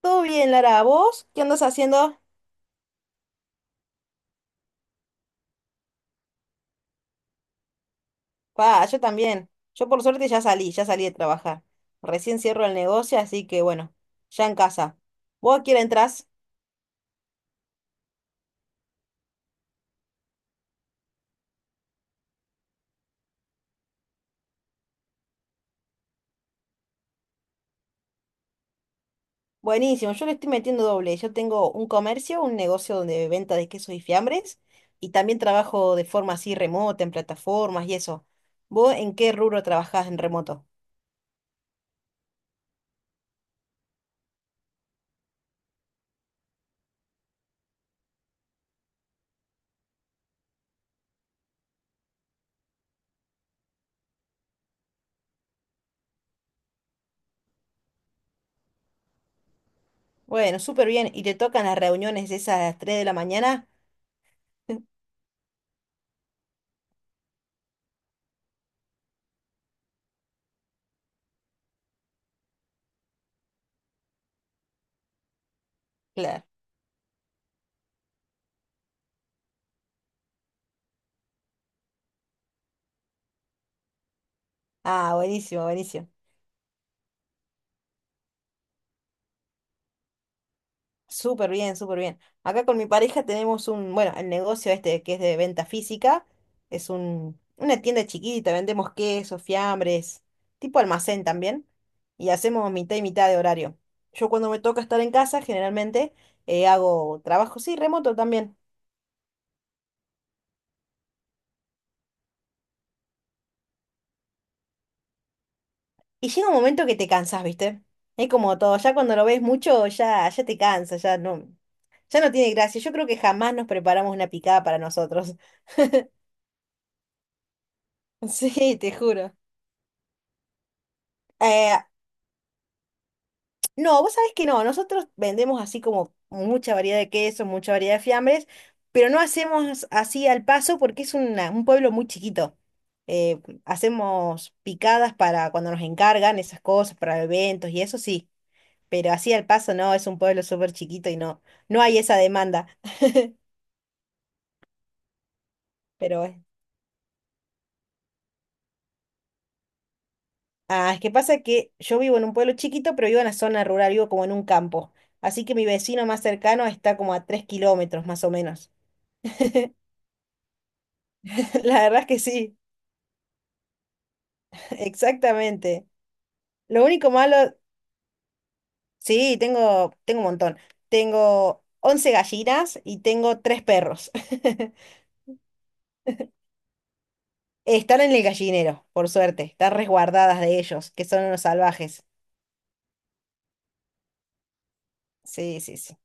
Todo bien, Lara. ¿Vos qué andas haciendo? Pa, yo también. Yo por suerte ya salí de trabajar. Recién cierro el negocio, así que bueno, ya en casa. ¿Vos a qué hora entrás? Buenísimo, yo le estoy metiendo doble. Yo tengo un comercio, un negocio de venta de quesos y fiambres, y también trabajo de forma así remota, en plataformas y eso. ¿Vos en qué rubro trabajás en remoto? Bueno, súper bien. ¿Y te tocan las reuniones esas a las 3 de la mañana? Claro. Ah, buenísimo, buenísimo. Súper bien, súper bien. Acá con mi pareja tenemos bueno, el negocio este que es de venta física, es una tienda chiquita, vendemos quesos, fiambres, tipo almacén también, y hacemos mitad y mitad de horario. Yo cuando me toca estar en casa, generalmente hago trabajo, sí, remoto también. Y llega un momento que te cansas, ¿viste? Es como todo, ya cuando lo ves mucho, ya te cansa, ya no tiene gracia. Yo creo que jamás nos preparamos una picada para nosotros. Sí, te juro. Eh, No, vos sabés que no, nosotros vendemos así como mucha variedad de quesos, mucha variedad de fiambres, pero no hacemos así al paso porque es un pueblo muy chiquito. Hacemos picadas para cuando nos encargan esas cosas, para eventos y eso sí, pero así al paso no, es un pueblo súper chiquito y no, no hay esa demanda. Pero ah, es que pasa que yo vivo en un pueblo chiquito, pero vivo en la zona rural, vivo como en un campo. Así que mi vecino más cercano está como a 3 kilómetros más o menos. La verdad es que sí. Exactamente. Lo único malo, sí, tengo un montón. Tengo 11 gallinas y tengo tres perros. Están en el gallinero, por suerte. Están resguardadas de ellos, que son unos salvajes. Sí, sí, sí.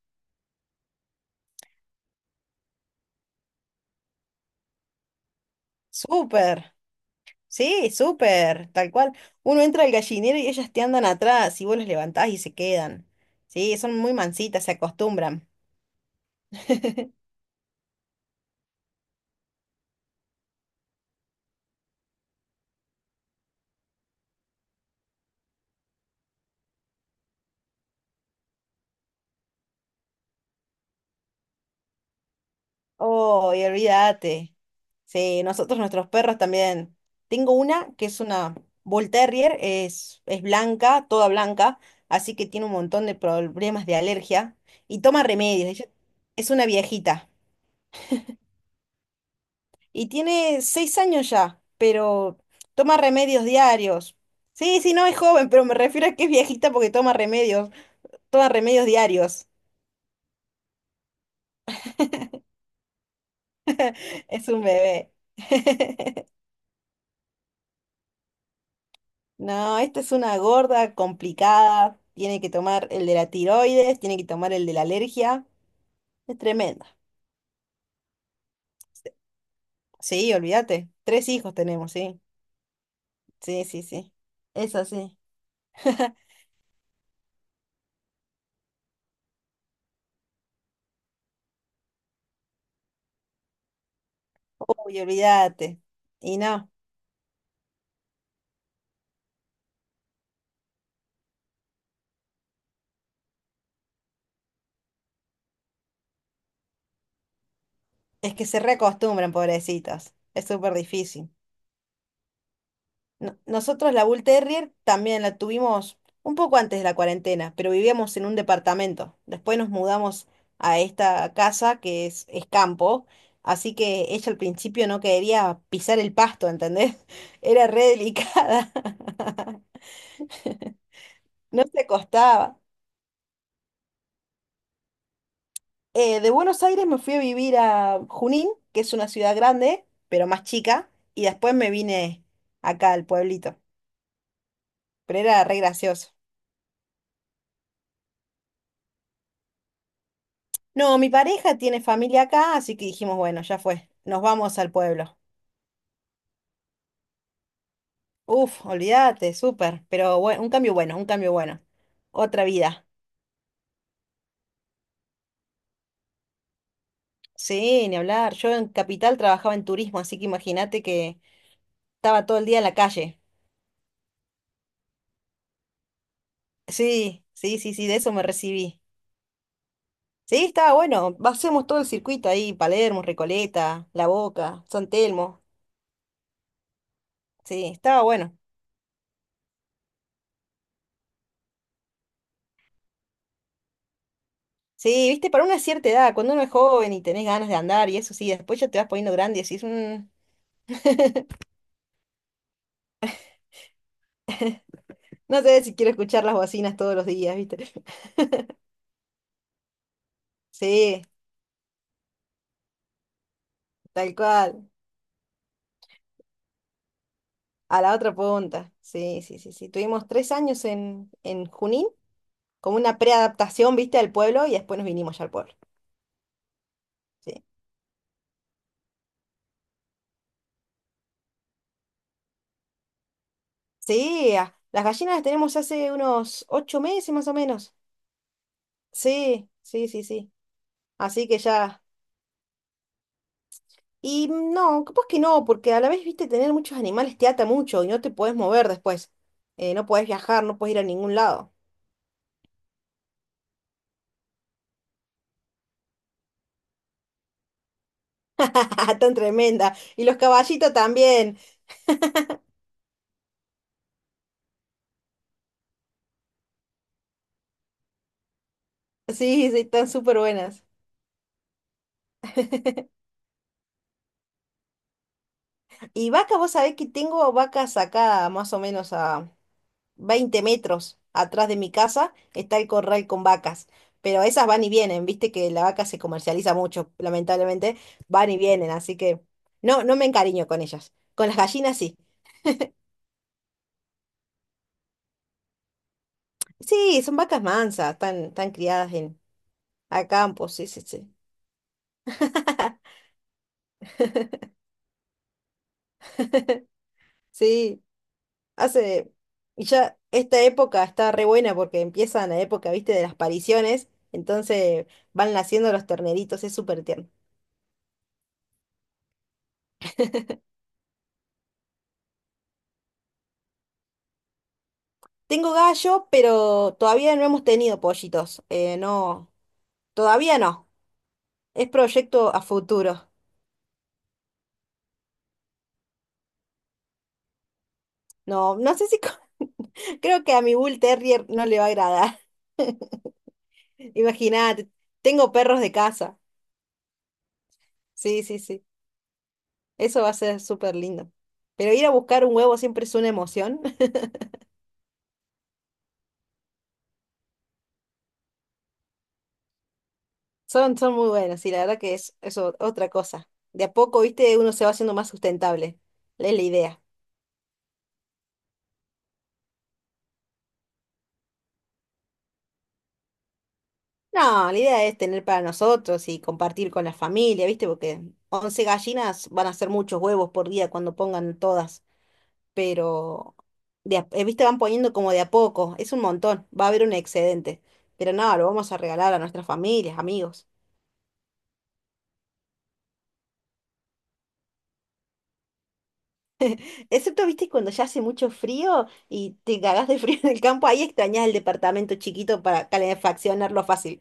Súper. Sí, súper. Tal cual. Uno entra al gallinero y ellas te andan atrás y vos los levantás y se quedan. Sí, son muy mansitas, se acostumbran. Oh, y olvídate. Sí, nuestros perros también. Tengo una que es una Bull Terrier, es blanca, toda blanca, así que tiene un montón de problemas de alergia y toma remedios. Ella es una viejita y tiene 6 años ya, pero toma remedios diarios. Sí, sí, no es joven, pero me refiero a que es viejita porque toma remedios diarios. Es un bebé. No, esta es una gorda complicada. Tiene que tomar el de la tiroides, tiene que tomar el de la alergia. Es tremenda. Sí, olvídate. Tres hijos tenemos, sí. Sí, sí, sí. Es sí. Uy, olvídate. Y no, es que se reacostumbran, pobrecitos. Es súper difícil. Nosotros la Bull Terrier también la tuvimos un poco antes de la cuarentena, pero vivíamos en un departamento. Después nos mudamos a esta casa que es campo, así que ella al principio no quería pisar el pasto, ¿entendés? Era re delicada, no se acostaba. De Buenos Aires me fui a vivir a Junín, que es una ciudad grande, pero más chica, y después me vine acá al pueblito, pero era re gracioso. No, mi pareja tiene familia acá, así que dijimos, bueno, ya fue, nos vamos al pueblo. Uf, olvídate, súper, pero un cambio bueno, un cambio bueno. Otra vida. Sí, ni hablar. Yo en Capital trabajaba en turismo, así que imagínate que estaba todo el día en la calle. Sí, sí, sí, sí, de eso me recibí. Sí, estaba bueno. Hacemos todo el circuito ahí, Palermo, Recoleta, La Boca, San Telmo. Sí, estaba bueno. Sí, viste, para una cierta edad, cuando uno es joven y tenés ganas de andar y eso sí, después ya te vas poniendo grande y decís, No sé si quiero escuchar las bocinas todos los días, ¿viste? Sí, tal cual. A la otra punta. Sí, sí, sí, sí. Tuvimos 3 años en Junín, como una preadaptación, ¿viste? Al pueblo y después nos vinimos ya al pueblo. Sí. Sí, las gallinas las tenemos hace unos 8 meses más o menos. Sí, sí, sí, sí. Así que ya. Y no, capaz que no, porque a la vez, ¿viste? Tener muchos animales te ata mucho y no te podés mover después. No podés viajar, no podés ir a ningún lado. Tan tremenda. Y los caballitos también. Sí, sí, están súper buenas. Y vaca, vos sabés que tengo vacas acá más o menos a 20 metros atrás de mi casa, está el corral con vacas. Pero esas van y vienen, viste que la vaca se comercializa mucho, lamentablemente, van y vienen, así que no, no me encariño con ellas. Con las gallinas sí. Sí, son vacas mansas, están criadas a campo, sí, sí, sí. Sí. Hace, y ya esta época está re buena porque empieza la época, viste, de las pariciones, entonces van naciendo los terneritos, es súper tierno. Tengo gallo, pero todavía no hemos tenido pollitos, no, todavía no, es proyecto a futuro. No, no sé si, creo que a mi Bull Terrier no le va a agradar, imagínate, tengo perros de casa, sí, sí, sí, eso va a ser súper lindo. Pero ir a buscar un huevo siempre es una emoción. Son muy buenos y la verdad que es, es otra cosa. De a poco, viste, uno se va haciendo más sustentable. Es la idea. No, la idea es tener para nosotros y compartir con la familia, viste, porque 11 gallinas van a ser muchos huevos por día cuando pongan todas, pero, viste, van poniendo como de a poco, es un montón, va a haber un excedente, pero no, lo vamos a regalar a nuestras familias, amigos. Excepto, viste, cuando ya hace mucho frío y te cagás de frío en el campo, ahí extrañás el departamento chiquito para calefaccionarlo fácil.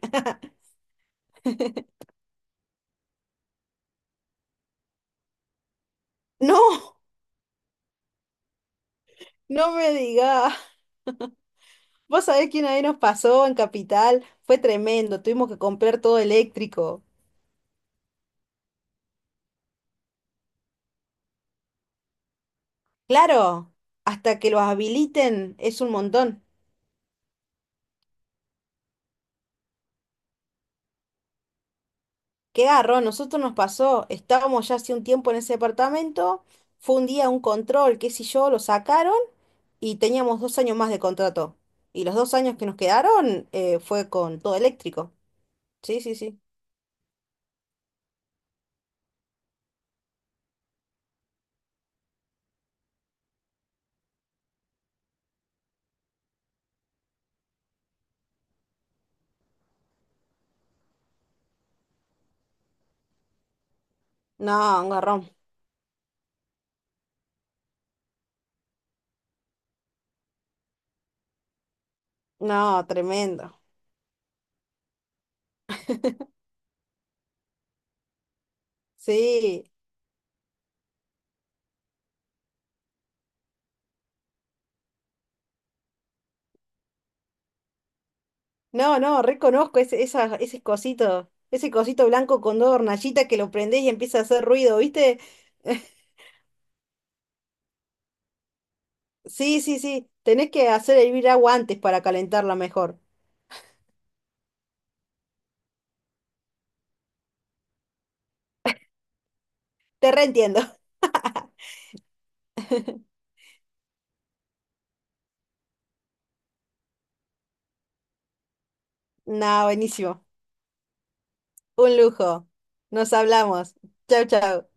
No, no me digas. Vos sabés quién ahí nos pasó en Capital. Fue tremendo. Tuvimos que comprar todo eléctrico. Claro, hasta que los habiliten es un montón. Qué garrón, nosotros nos pasó. Estábamos ya hace un tiempo en ese departamento. Fue un día un control, qué sé yo, lo sacaron y teníamos 2 años más de contrato. Y los 2 años que nos quedaron fue con todo eléctrico. Sí, sí, sí. No, un garrón. No, tremendo. Sí. No, no, reconozco ese cosito blanco con dos hornallitas que lo prendés y empieza a hacer ruido, ¿viste? Sí, sí, sí, tenés que hacer hervir agua antes para calentarla mejor. Te reentiendo. No, buenísimo. Un lujo. Nos hablamos. Chau, chau.